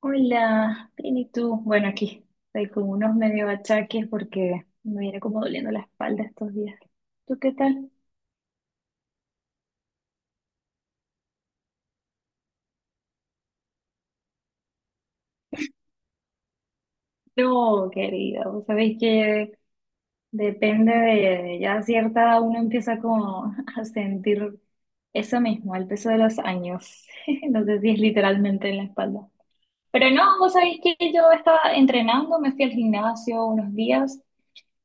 Hola, bien, ¿y tú? Bueno, aquí estoy con unos medio achaques porque me viene como doliendo la espalda estos días. ¿Tú qué tal? No, querida, vos sabéis que depende de ya cierta edad uno empieza como a sentir eso mismo, el peso de los años. No sé si es literalmente en la espalda. Pero no, vos sabéis que yo estaba entrenando, me fui al gimnasio unos días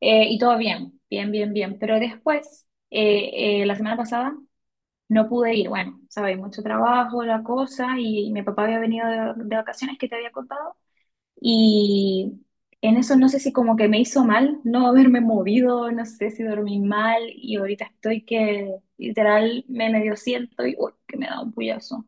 y todo bien, bien, bien, bien. Pero después, la semana pasada No pude ir, bueno, sabéis, mucho trabajo, la cosa, y mi papá había venido de vacaciones que te había contado, y en eso no sé si como que me hizo mal no haberme movido, no sé si dormí mal, y ahorita estoy que literal me medio siento y uy, que me da un puyazo.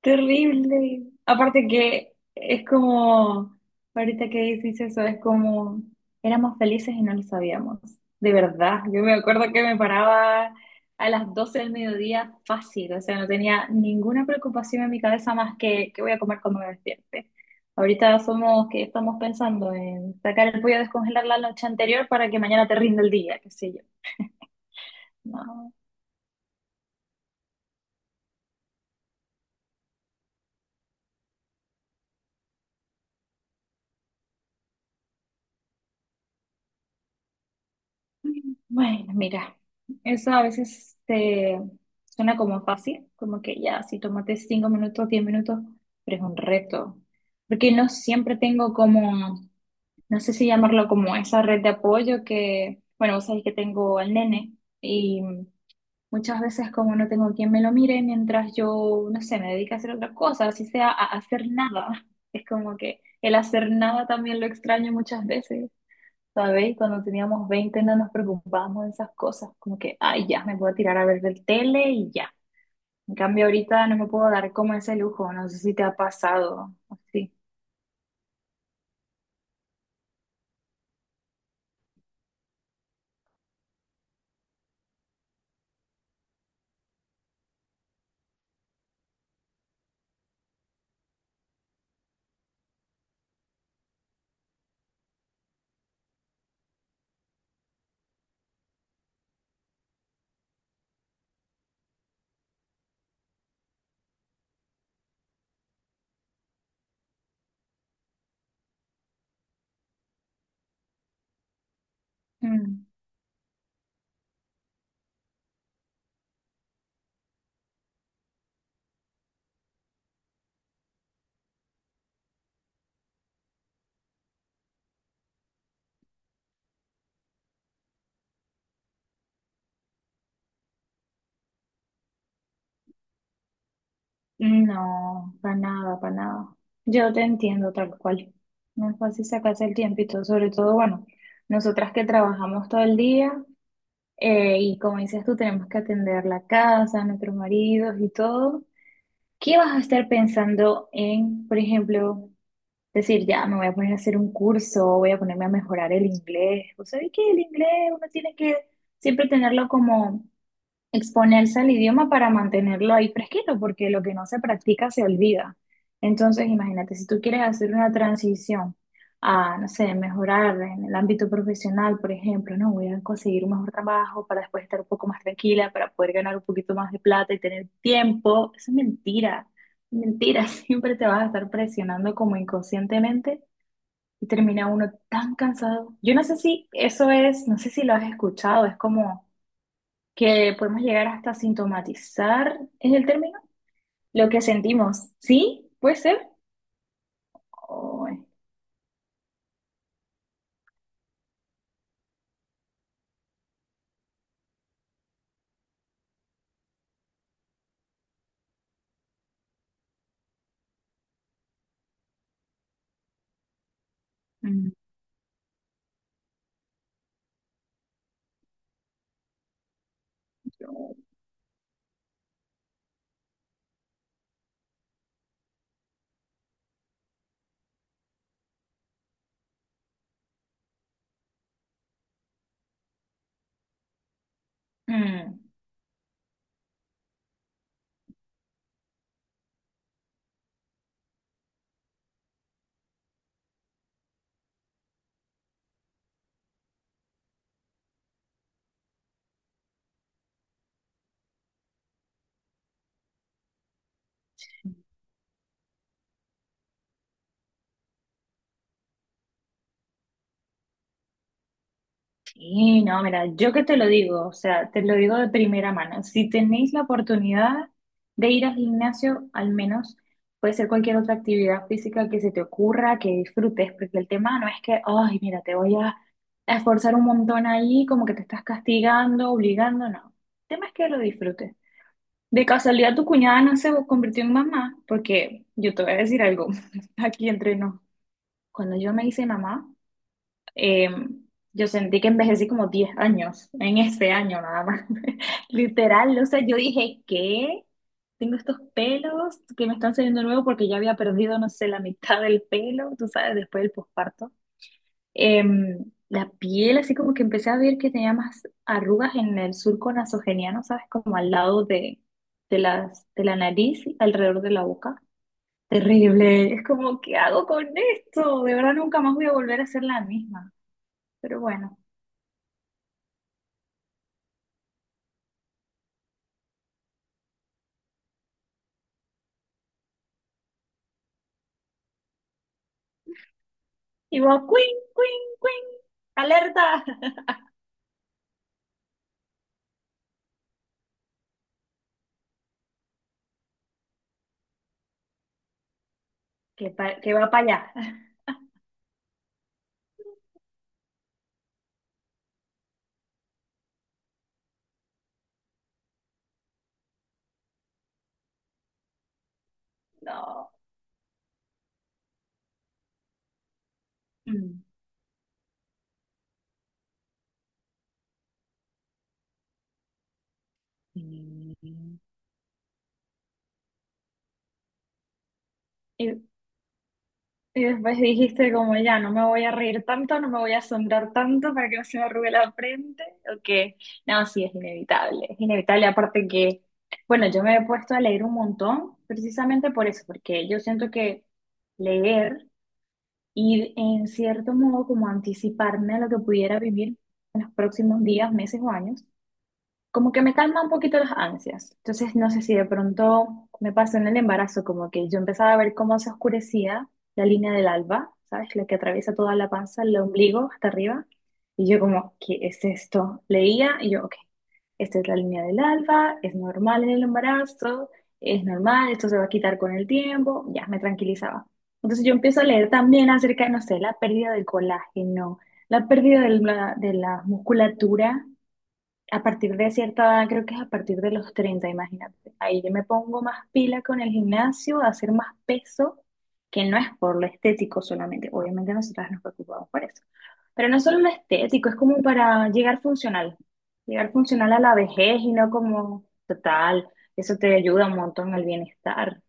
Terrible. Aparte que es como, ahorita que dices eso, es como, éramos felices y no lo sabíamos. De verdad, yo me acuerdo que me paraba a las 12 del mediodía fácil, o sea, no tenía ninguna preocupación en mi cabeza más que qué voy a comer cuando me despierte. Ahorita somos que estamos pensando en sacar el pollo a descongelar la noche anterior para que mañana te rinda el día, qué sé yo. No. Bueno, mira, eso a veces te suena como fácil, como que ya, si tomate 5 minutos, 10 minutos, pero es un reto, porque no siempre tengo como, no sé si llamarlo como esa red de apoyo que, bueno, vos sabés que tengo al nene y muchas veces como no tengo quien me lo mire mientras yo, no sé, me dedico a hacer otra cosa, así sea a hacer nada, es como que el hacer nada también lo extraño muchas veces. ¿Sabéis? Cuando teníamos 20 no nos preocupábamos de esas cosas, como que, ay, ya, me puedo tirar a ver del tele y ya. En cambio, ahorita no me puedo dar como ese lujo, no sé si te ha pasado así. Mm. No, para nada, para nada. Yo te entiendo tal cual. No es fácil sacarse el tiempito, sobre todo, bueno, nosotras que trabajamos todo el día y como dices tú, tenemos que atender la casa, nuestros maridos y todo. ¿Qué vas a estar pensando en, por ejemplo, decir, ya me voy a poner a hacer un curso, voy a ponerme a mejorar el inglés? ¿Vos sabés que el inglés uno tiene que siempre tenerlo como exponerse al idioma para mantenerlo ahí fresquito, porque lo que no se practica se olvida? Entonces, imagínate, si tú quieres hacer una transición a, no sé, mejorar en el ámbito profesional, por ejemplo, no voy a conseguir un mejor trabajo para después estar un poco más tranquila, para poder ganar un poquito más de plata y tener tiempo, eso es mentira. Mentira, siempre te vas a estar presionando como inconscientemente y termina uno tan cansado. Yo no sé si eso es, no sé si lo has escuchado, es como que podemos llegar hasta sintomatizar, ¿es el término? Lo que sentimos, ¿sí? ¿Puede ser? Ay, mm, yo- mm, sí, no, mira, yo que te lo digo, o sea, te lo digo de primera mano. Si tenéis la oportunidad de ir al gimnasio, al menos puede ser cualquier otra actividad física que se te ocurra, que disfrutes, porque el tema no es que, ay, mira, te voy a esforzar un montón ahí, como que te estás castigando, obligando, no. El tema es que lo disfrutes. De casualidad, tu cuñada no se convirtió en mamá, porque yo te voy a decir algo, aquí entre nos. Cuando yo me hice mamá, eh, yo sentí que envejecí como 10 años, en este año nada más. Literal, o sea, yo dije, ¿qué? Tengo estos pelos que me están saliendo nuevos porque ya había perdido, no sé, la mitad del pelo, tú sabes, después del posparto la piel, así como que empecé a ver que tenía más arrugas en el surco nasogeniano, ¿sabes? Como al lado de la nariz, y alrededor de la boca. Terrible, es como, ¿qué hago con esto? De verdad nunca más voy a volver a ser la misma. Pero bueno, igual, queen, queen, queen, alerta, que, que va para allá. No. Mm. Mm, ¿Y, Y después dijiste como ya, no me voy a reír tanto, no me voy a asombrar tanto para que no se me arrugue la frente, o que, no, sí, es inevitable, aparte que, bueno, yo me he puesto a leer un montón precisamente por eso, porque yo siento que leer y en cierto modo como anticiparme a lo que pudiera vivir en los próximos días, meses o años, como que me calma un poquito las ansias. Entonces, no sé si de pronto me pasó en el embarazo, como que yo empezaba a ver cómo se oscurecía la línea del alba, ¿sabes? La que atraviesa toda la panza, el ombligo hasta arriba. Y yo como, ¿qué es esto? Leía y yo, ok, esta es la línea del alba, es normal en el embarazo, es normal, esto se va a quitar con el tiempo, ya me tranquilizaba. Entonces yo empiezo a leer también acerca de, no sé, la pérdida del colágeno, la pérdida de la musculatura a partir de cierta edad, creo que es a partir de los 30 imagínate. Ahí yo me pongo más pila con el gimnasio, a hacer más peso, que no es por lo estético solamente. Obviamente nosotras nos preocupamos por eso. Pero no solo lo estético, es como para llegar funcional. Llegar funcional a la vejez y no como total. Eso te ayuda un montón al bienestar.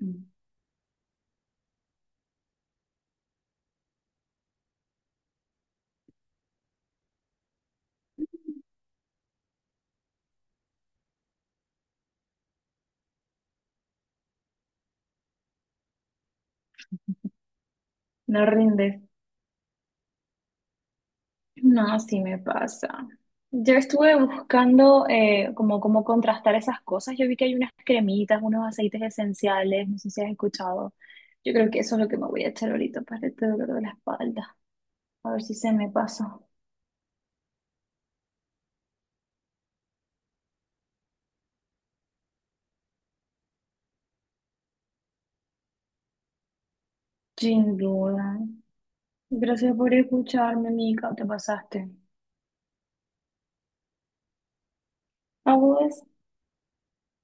Mm. No rindes. No, sí me pasa. Yo estuve buscando como cómo contrastar esas cosas. Yo vi que hay unas cremitas, unos aceites esenciales, no sé si has escuchado. Yo creo que eso es lo que me voy a echar ahorita para este dolor de la espalda. A ver si se me pasa. Sin duda. Gracias por escucharme, Mica. Te pasaste. ¿A vos?